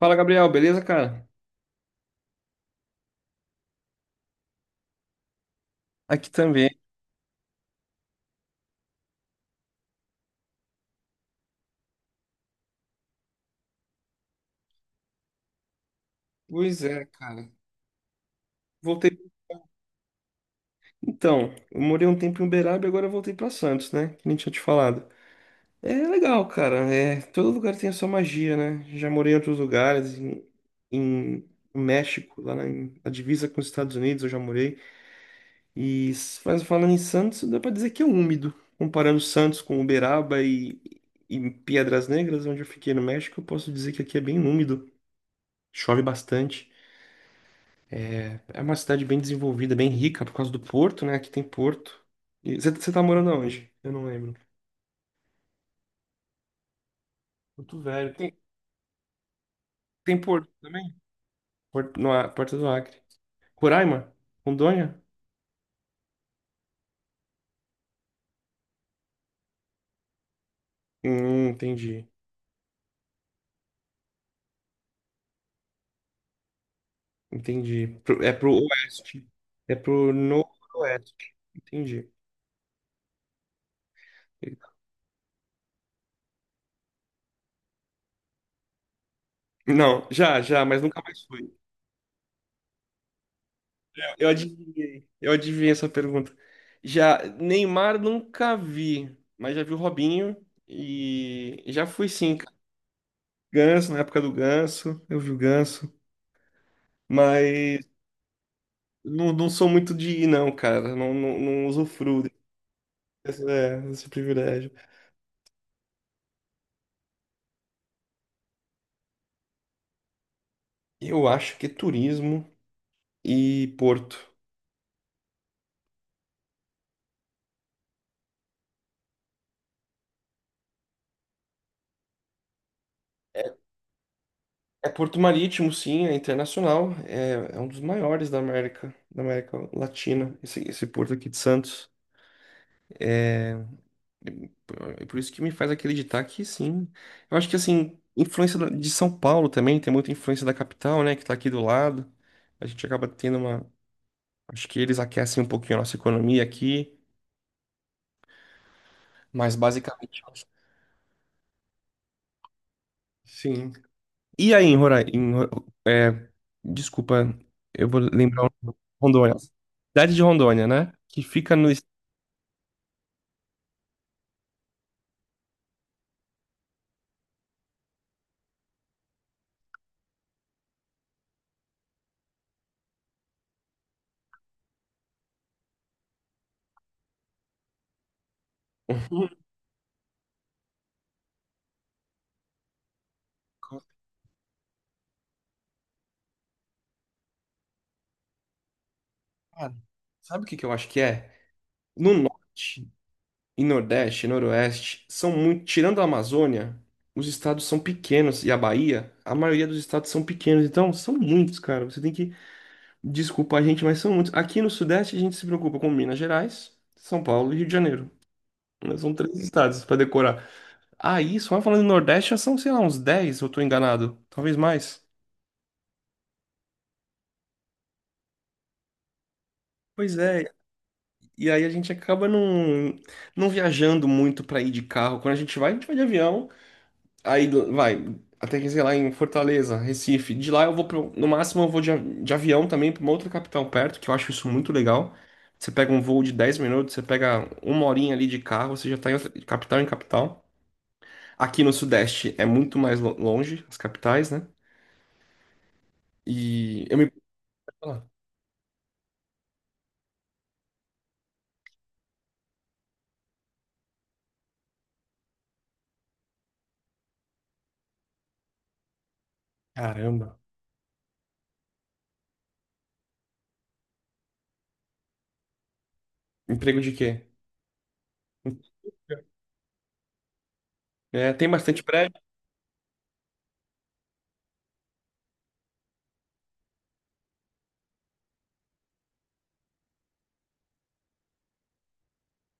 Fala, Gabriel, beleza, cara? Aqui também. Pois é, cara. Voltei. Então, eu morei um tempo em Uberaba e agora eu voltei pra Santos, né? Que nem tinha te falado. É legal, cara. É, todo lugar tem a sua magia, né? Já morei em outros lugares, em no México, na divisa com os Estados Unidos, eu já morei. Mas falando em Santos, dá pra dizer que é úmido. Comparando Santos com Uberaba e Piedras Negras, onde eu fiquei no México, eu posso dizer que aqui é bem úmido. Chove bastante. É uma cidade bem desenvolvida, bem rica por causa do porto, né? Aqui tem porto. E você tá morando aonde? Eu não lembro. Porto Velho. Tem porto também? Porto, no, Porto do Acre. Roraima? Rondônia? Entendi. Entendi. É pro oeste. É pro noroeste. Entendi. Não, já, já, mas nunca mais fui. Eu adivinhei. Eu adivinhei essa pergunta. Já, Neymar nunca vi, mas já vi o Robinho e já fui sim. Ganso, na época do Ganso, eu vi o Ganso, mas não, não sou muito de ir, não, cara. Não, não, não usufruo desse privilégio. Eu acho que é turismo e porto. É porto marítimo, sim, é internacional. É, é um dos maiores da América Latina, esse porto aqui de Santos. E por É por isso que me faz acreditar que sim. Eu acho que, assim, de São Paulo também, tem muita influência da capital, né, que tá aqui do lado. A gente acaba tendo uma... Acho que eles aquecem um pouquinho a nossa economia aqui, mas basicamente. Sim. E aí, em Roraima? Desculpa, eu vou lembrar o nome. Rondônia. Cidade de Rondônia, né? Que fica no. est- Hum, cara, sabe o que que eu acho que é? No norte e nordeste, noroeste, são muito. Tirando a Amazônia, os estados são pequenos. E a Bahia, a maioria dos estados são pequenos. Então, são muitos, cara. Você tem que Desculpa a gente, mas são muitos. Aqui no Sudeste a gente se preocupa com Minas Gerais, São Paulo e Rio de Janeiro. Mas são três estados para decorar. Aí, só falando do Nordeste, já são, sei lá, uns dez, eu tô enganado. Talvez mais. Pois é, e aí a gente acaba não viajando muito para ir de carro. Quando a gente vai de avião. Aí vai, até que sei lá em Fortaleza, Recife. De lá eu vou pro, no máximo eu vou de avião também para uma outra capital perto, que eu acho isso muito legal. Você pega um voo de 10 minutos, você pega uma horinha ali de carro, você já tá de capital em capital. Aqui no Sudeste é muito mais longe, as capitais, né? E eu me... Ah, caramba. Emprego de quê? É, tem bastante prédio,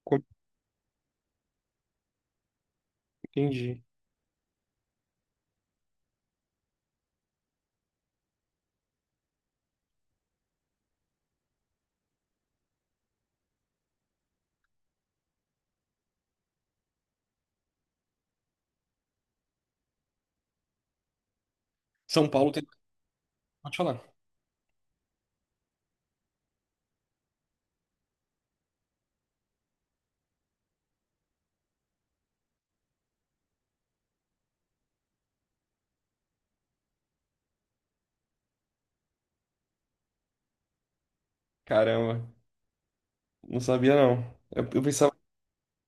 como- entendi. São Paulo tem. Pode falar. Caramba, não sabia, não. Eu pensava que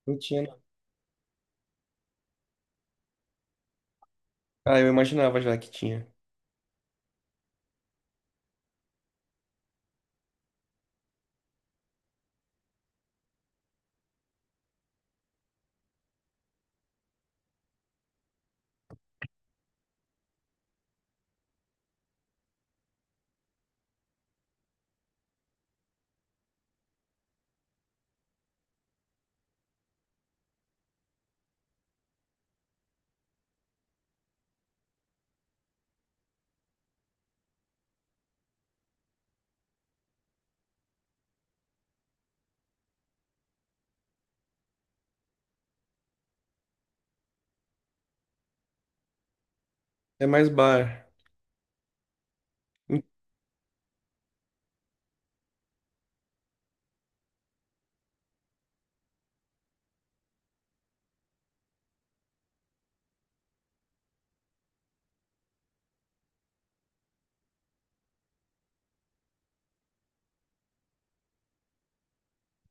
não tinha. Não. Ah, eu imaginava já que tinha. É mais bar.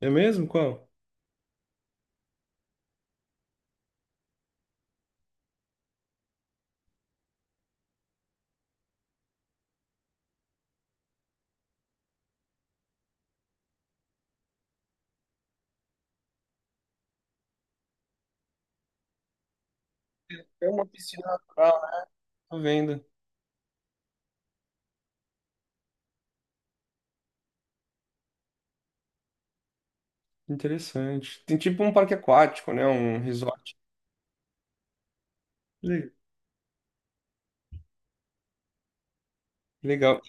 É mesmo? Qual? É uma piscina natural, né? Tô vendo. Interessante. Tem tipo um parque aquático, né? Um resort. Le- Legal.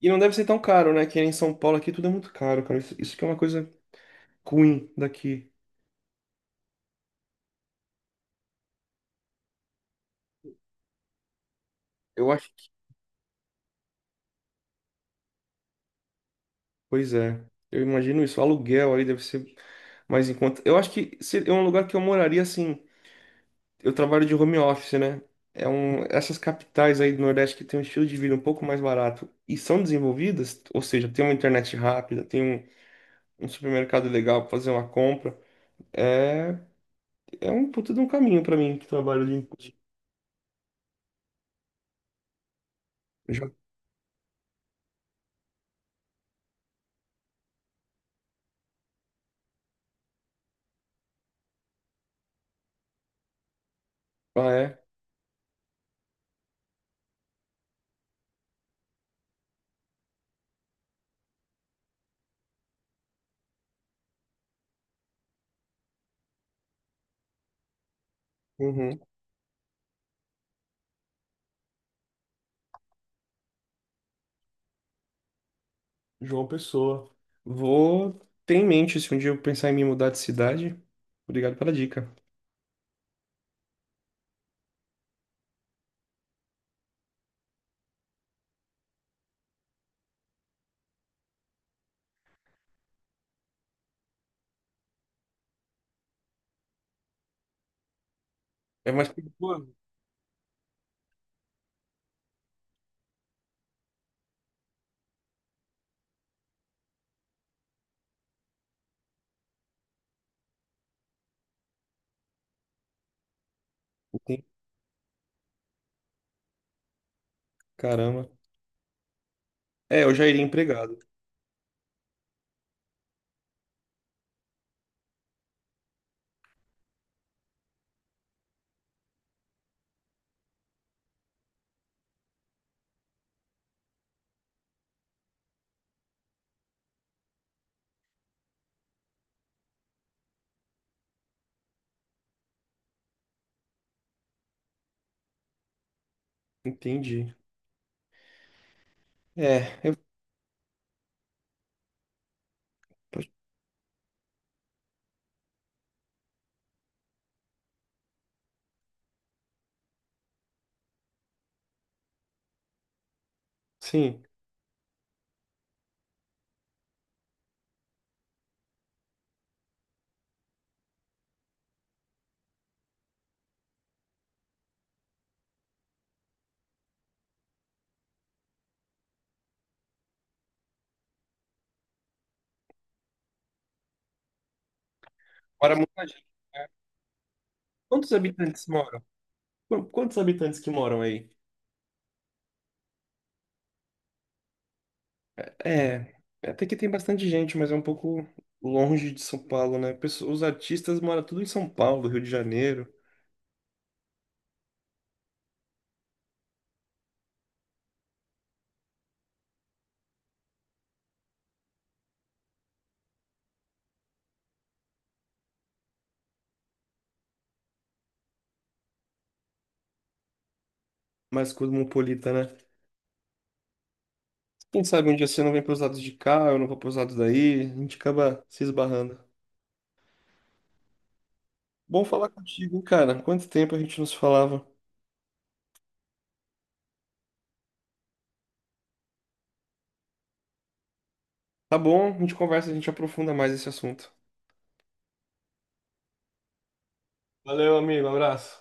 E não deve ser tão caro, né? Que é em São Paulo aqui tudo é muito caro, cara. Isso que é uma coisa ruim daqui. Eu acho. Pois é. Eu imagino isso. O aluguel ali deve ser mais em conta. Eu acho que é um lugar que eu moraria assim. Eu trabalho de home office, né? É um, essas capitais aí do Nordeste que tem um estilo de vida um pouco mais barato e são desenvolvidas, ou seja, tem uma internet rápida, tem um supermercado legal para fazer uma compra. É, é um puta de um caminho para mim que trabalho ali. Em... Ah, é? Uhum. João Pessoa. Vou ter em mente se um dia eu pensar em me mudar de cidade. Obrigado pela dica. É mais perigoso. Entendi. Caramba. É, eu já iria empregado. Entendi. É, eu, sim. Para muita... Quantos habitantes moram? Quantos habitantes que moram aí? É, até que tem bastante gente, mas é um pouco longe de São Paulo, né? Os artistas moram tudo em São Paulo, Rio de Janeiro, mais cosmopolita, né? Quem sabe um dia você não vem pros lados de cá, eu não vou pros lados daí, a gente acaba se esbarrando. Bom falar contigo, cara. Quanto tempo a gente não se falava? Tá bom, a gente conversa, a gente aprofunda mais esse assunto. Valeu, amigo, abraço.